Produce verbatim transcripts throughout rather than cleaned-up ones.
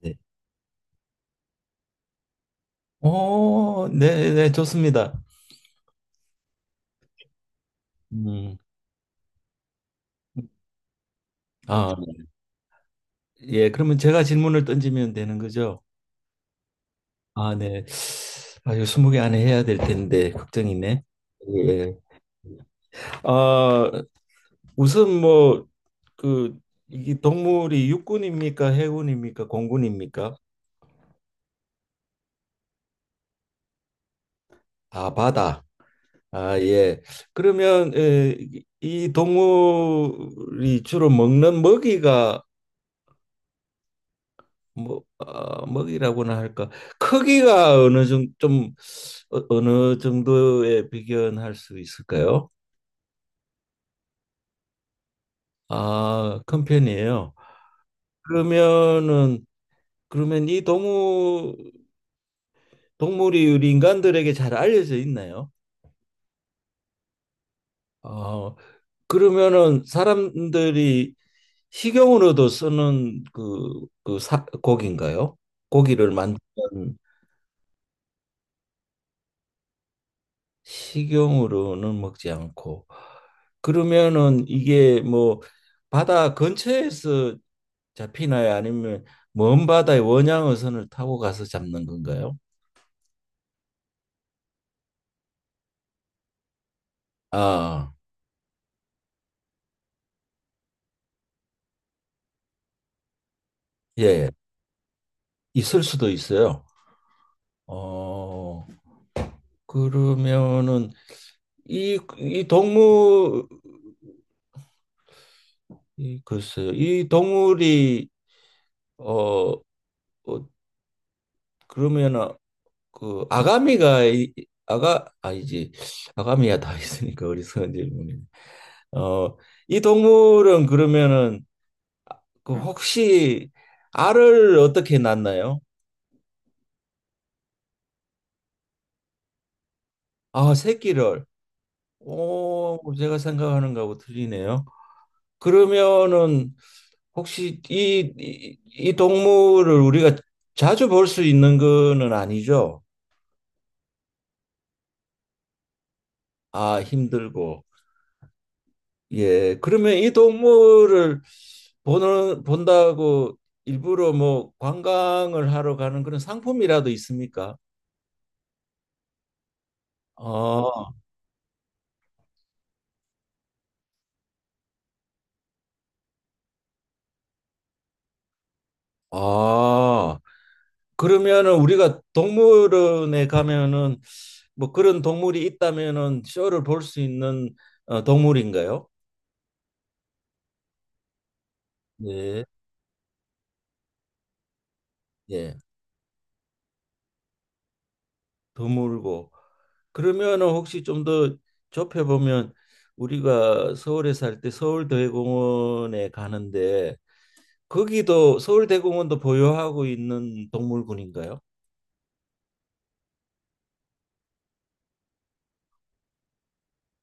네. 어, 네, 네, 좋습니다. 음, 아, 예, 그러면 제가 질문을 던지면 되는 거죠? 아, 네. 아, 이거 스무 개 안에 해야 될 텐데, 걱정이네. 예. 아, 우선 뭐, 그, 이게 동물이 육군입니까? 해군입니까? 공군입니까? 아, 바다. 아, 예. 그러면 에, 이 동물이 주로 먹는 먹이가 뭐 어, 먹이라고나 할까 크기가 어느 정도 좀 어- 어느 정도에 비견할 수 있을까요? 아, 큰 편이에요. 그러면은 그러면 이 동물 동물이 우리 인간들에게 잘 알려져 있나요? 어, 그러면은 사람들이 식용으로도 쓰는 그, 그 사, 고기인가요? 고기를 만드는 식용으로는 먹지 않고 그러면은 이게 뭐 바다 근처에서 잡히나요? 아니면 먼 바다의 원양어선을 타고 가서 잡는 건가요? 아, 예, 있을 수도 있어요. 어, 그러면은 이, 이 동물, 이, 글쎄요, 이 동물이 어, 어 그러면은 그 아가미가 이- 아가 아니지 아가미야 다 있으니까 어리석은 질문이 어, 이 동물은 그러면은 그 혹시 알을 어떻게 낳나요? 아, 새끼를. 오, 제가 생각하는 거하고 틀리네요. 그러면은 혹시 이, 이, 이 동물을 우리가 자주 볼 수 있는 거는 아니죠? 아, 힘들고. 예. 그러면 이 동물을 보는, 본다고 일부러 뭐 관광을 하러 가는 그런 상품이라도 있습니까? 아, 아. 그러면은 우리가 동물원에 가면은 뭐 그런 동물이 있다면은 쇼를 볼 수 있는 어, 동물인가요? 네, 예, 드물고 그러면은 혹시 좀 더 좁혀 보면 우리가 서울에 살 때 서울대공원에 가는데 거기도 서울대공원도 보유하고 있는 동물군인가요?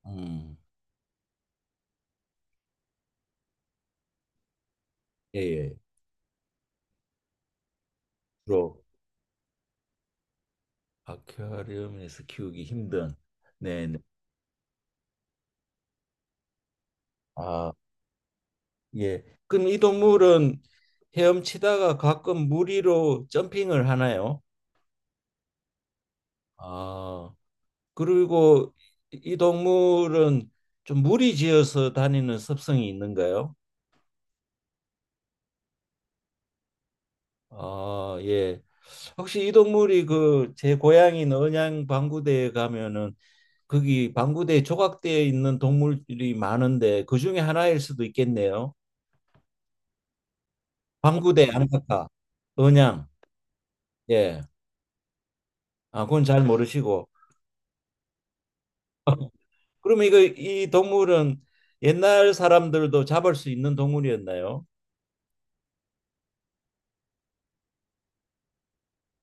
음, 예, 예. 주로 아쿠아리움에서 키우기 힘든, 네, 네. 아, 예. 그럼 이 동물은 헤엄치다가 가끔 무리로 점핑을 하나요? 아, 그리고 이 동물은 좀 무리 지어서 다니는 습성이 있는가요? 아, 예. 혹시 이 동물이 그 제 고향인 언양 방구대에 가면은 거기 방구대에 조각되어 있는 동물이 많은데 그 중에 하나일 수도 있겠네요. 방구대 안타까 언양. 예. 아, 그건 잘 모르시고. 그러면 이거 이 동물은 옛날 사람들도 잡을 수 있는 동물이었나요?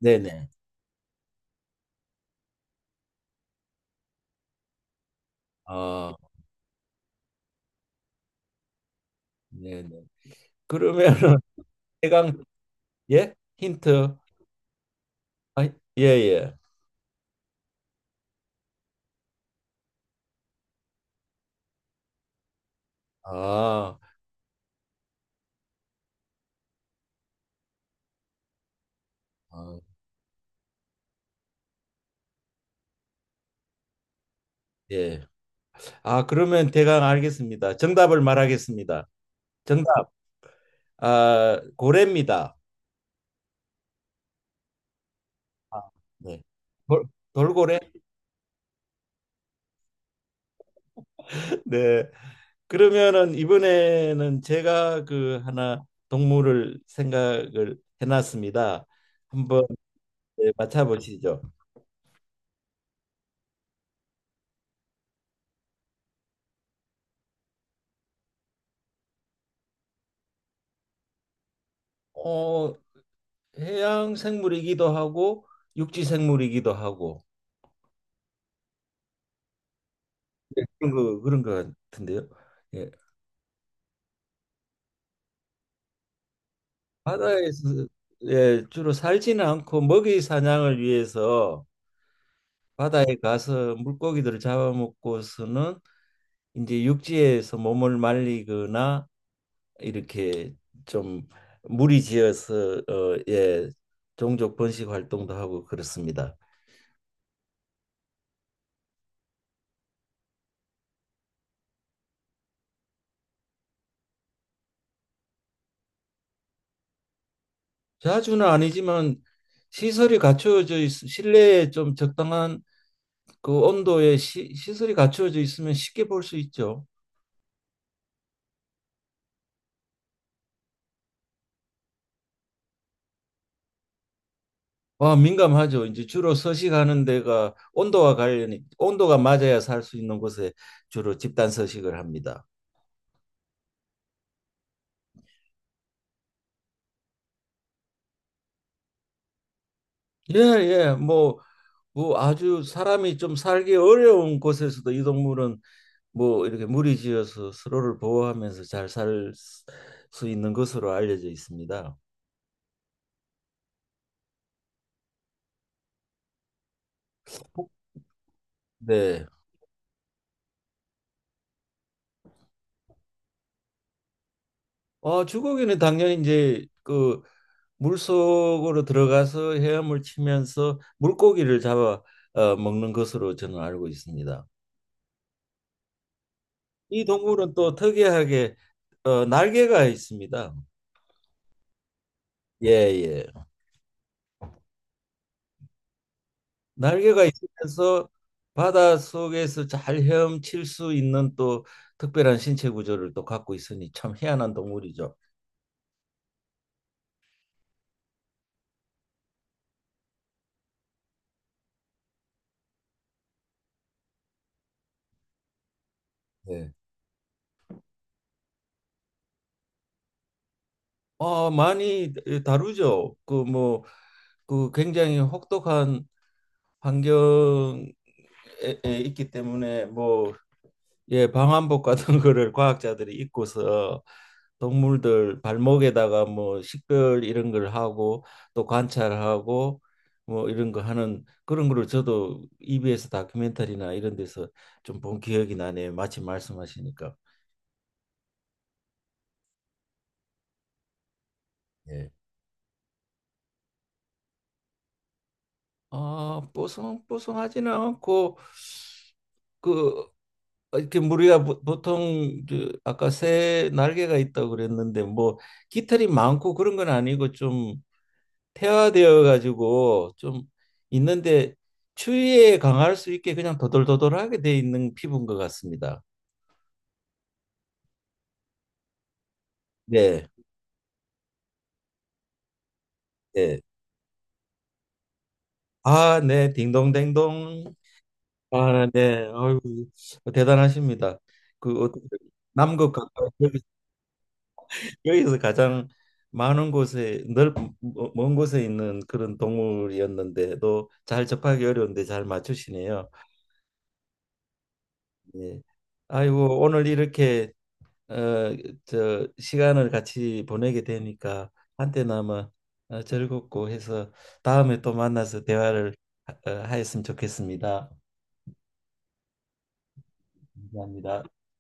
네네. 아, 네네. 그러면은 해강 예? 힌트. 아, 예, 예. 아, 아, 예. 아, 그러면 대강 알겠습니다. 정답을 말하겠습니다. 정답. 아, 고래입니다. 아, 네. 돌, 돌고래? 네. 그러면은 이번에는 제가 그 하나 동물을 생각을 해놨습니다. 한번 네, 맞춰보시죠. 어, 해양 생물이기도 하고 육지 생물이기도 하고 네, 그런 거 그런 거 같은데요. 예, 바다에서 예, 주로 살지는 않고 먹이 사냥을 위해서 바다에 가서 물고기들을 잡아먹고서는 이제 육지에서 몸을 말리거나 이렇게 좀 무리지어서 어, 예, 종족 번식 활동도 하고 그렇습니다. 자주는 아니지만 시설이 갖춰져 있, 실내에 좀 적당한 그 온도의 시, 시설이 갖춰져 있으면 쉽게 볼 수 있죠. 와, 민감하죠. 이제 주로 서식하는 데가 온도와 관련이, 온도가 맞아야 살 수 있는 곳에 주로 집단 서식을 합니다. 예, 예. 뭐, 뭐 아주 사람이 좀 살기 어려운 곳에서도 이 동물은 뭐 이렇게 무리지어서 서로를 보호하면서 잘 살 수 있는 것으로 알려져 있습니다. 네. 어, 주고기는 당연히 이제 그 물속으로 들어가서 헤엄을 치면서 물고기를 잡아 어, 먹는 것으로 저는 알고 있습니다. 이 동물은 또 특이하게 어, 날개가 있습니다. 예, 예. 날개가 있으면서 바닷속에서 잘 헤엄칠 수 있는 또 특별한 신체 구조를 또 갖고 있으니 참 희한한 동물이죠. 네. 어, 많이 다루죠. 그 뭐 그 굉장히 혹독한 환경 에, 에, 있기 때문에 뭐 예, 방한복 같은 거를 과학자들이 입고서 동물들 발목에다가 뭐 식별 이런 걸 하고 또 관찰하고 뭐 이런 거 하는 그런 거를 저도 이비에스 다큐멘터리나 이런 데서 좀 본 기억이 나네요. 마침 말씀하시니까. 예. 아, 뽀송 뽀송하지는 않고 그 어, 이렇게 우리가 보- 보통 그 아까 새 날개가 있다고 그랬는데 뭐 깃털이 많고 그런 건 아니고 좀 태화되어 가지고 좀 있는데 추위에 강할 수 있게 그냥 도돌도돌하게 돼 있는 피부인 것 같습니다. 네, 네. 아, 네, 딩동댕동. 아, 네, 아이고 대단하십니다. 그 어떻게 남극 가까이 여기서 가장 많은 곳에 넓먼 곳에 있는 그런 동물이었는데도 잘 접하기 어려운데 잘 맞추시네요. 예. 아이고 오늘 이렇게 어, 저 시간을 같이 보내게 되니까 한때나마 어, 즐겁고 해서 다음에 또 만나서 대화를 하, 어, 하였으면 좋겠습니다. 감사합니다.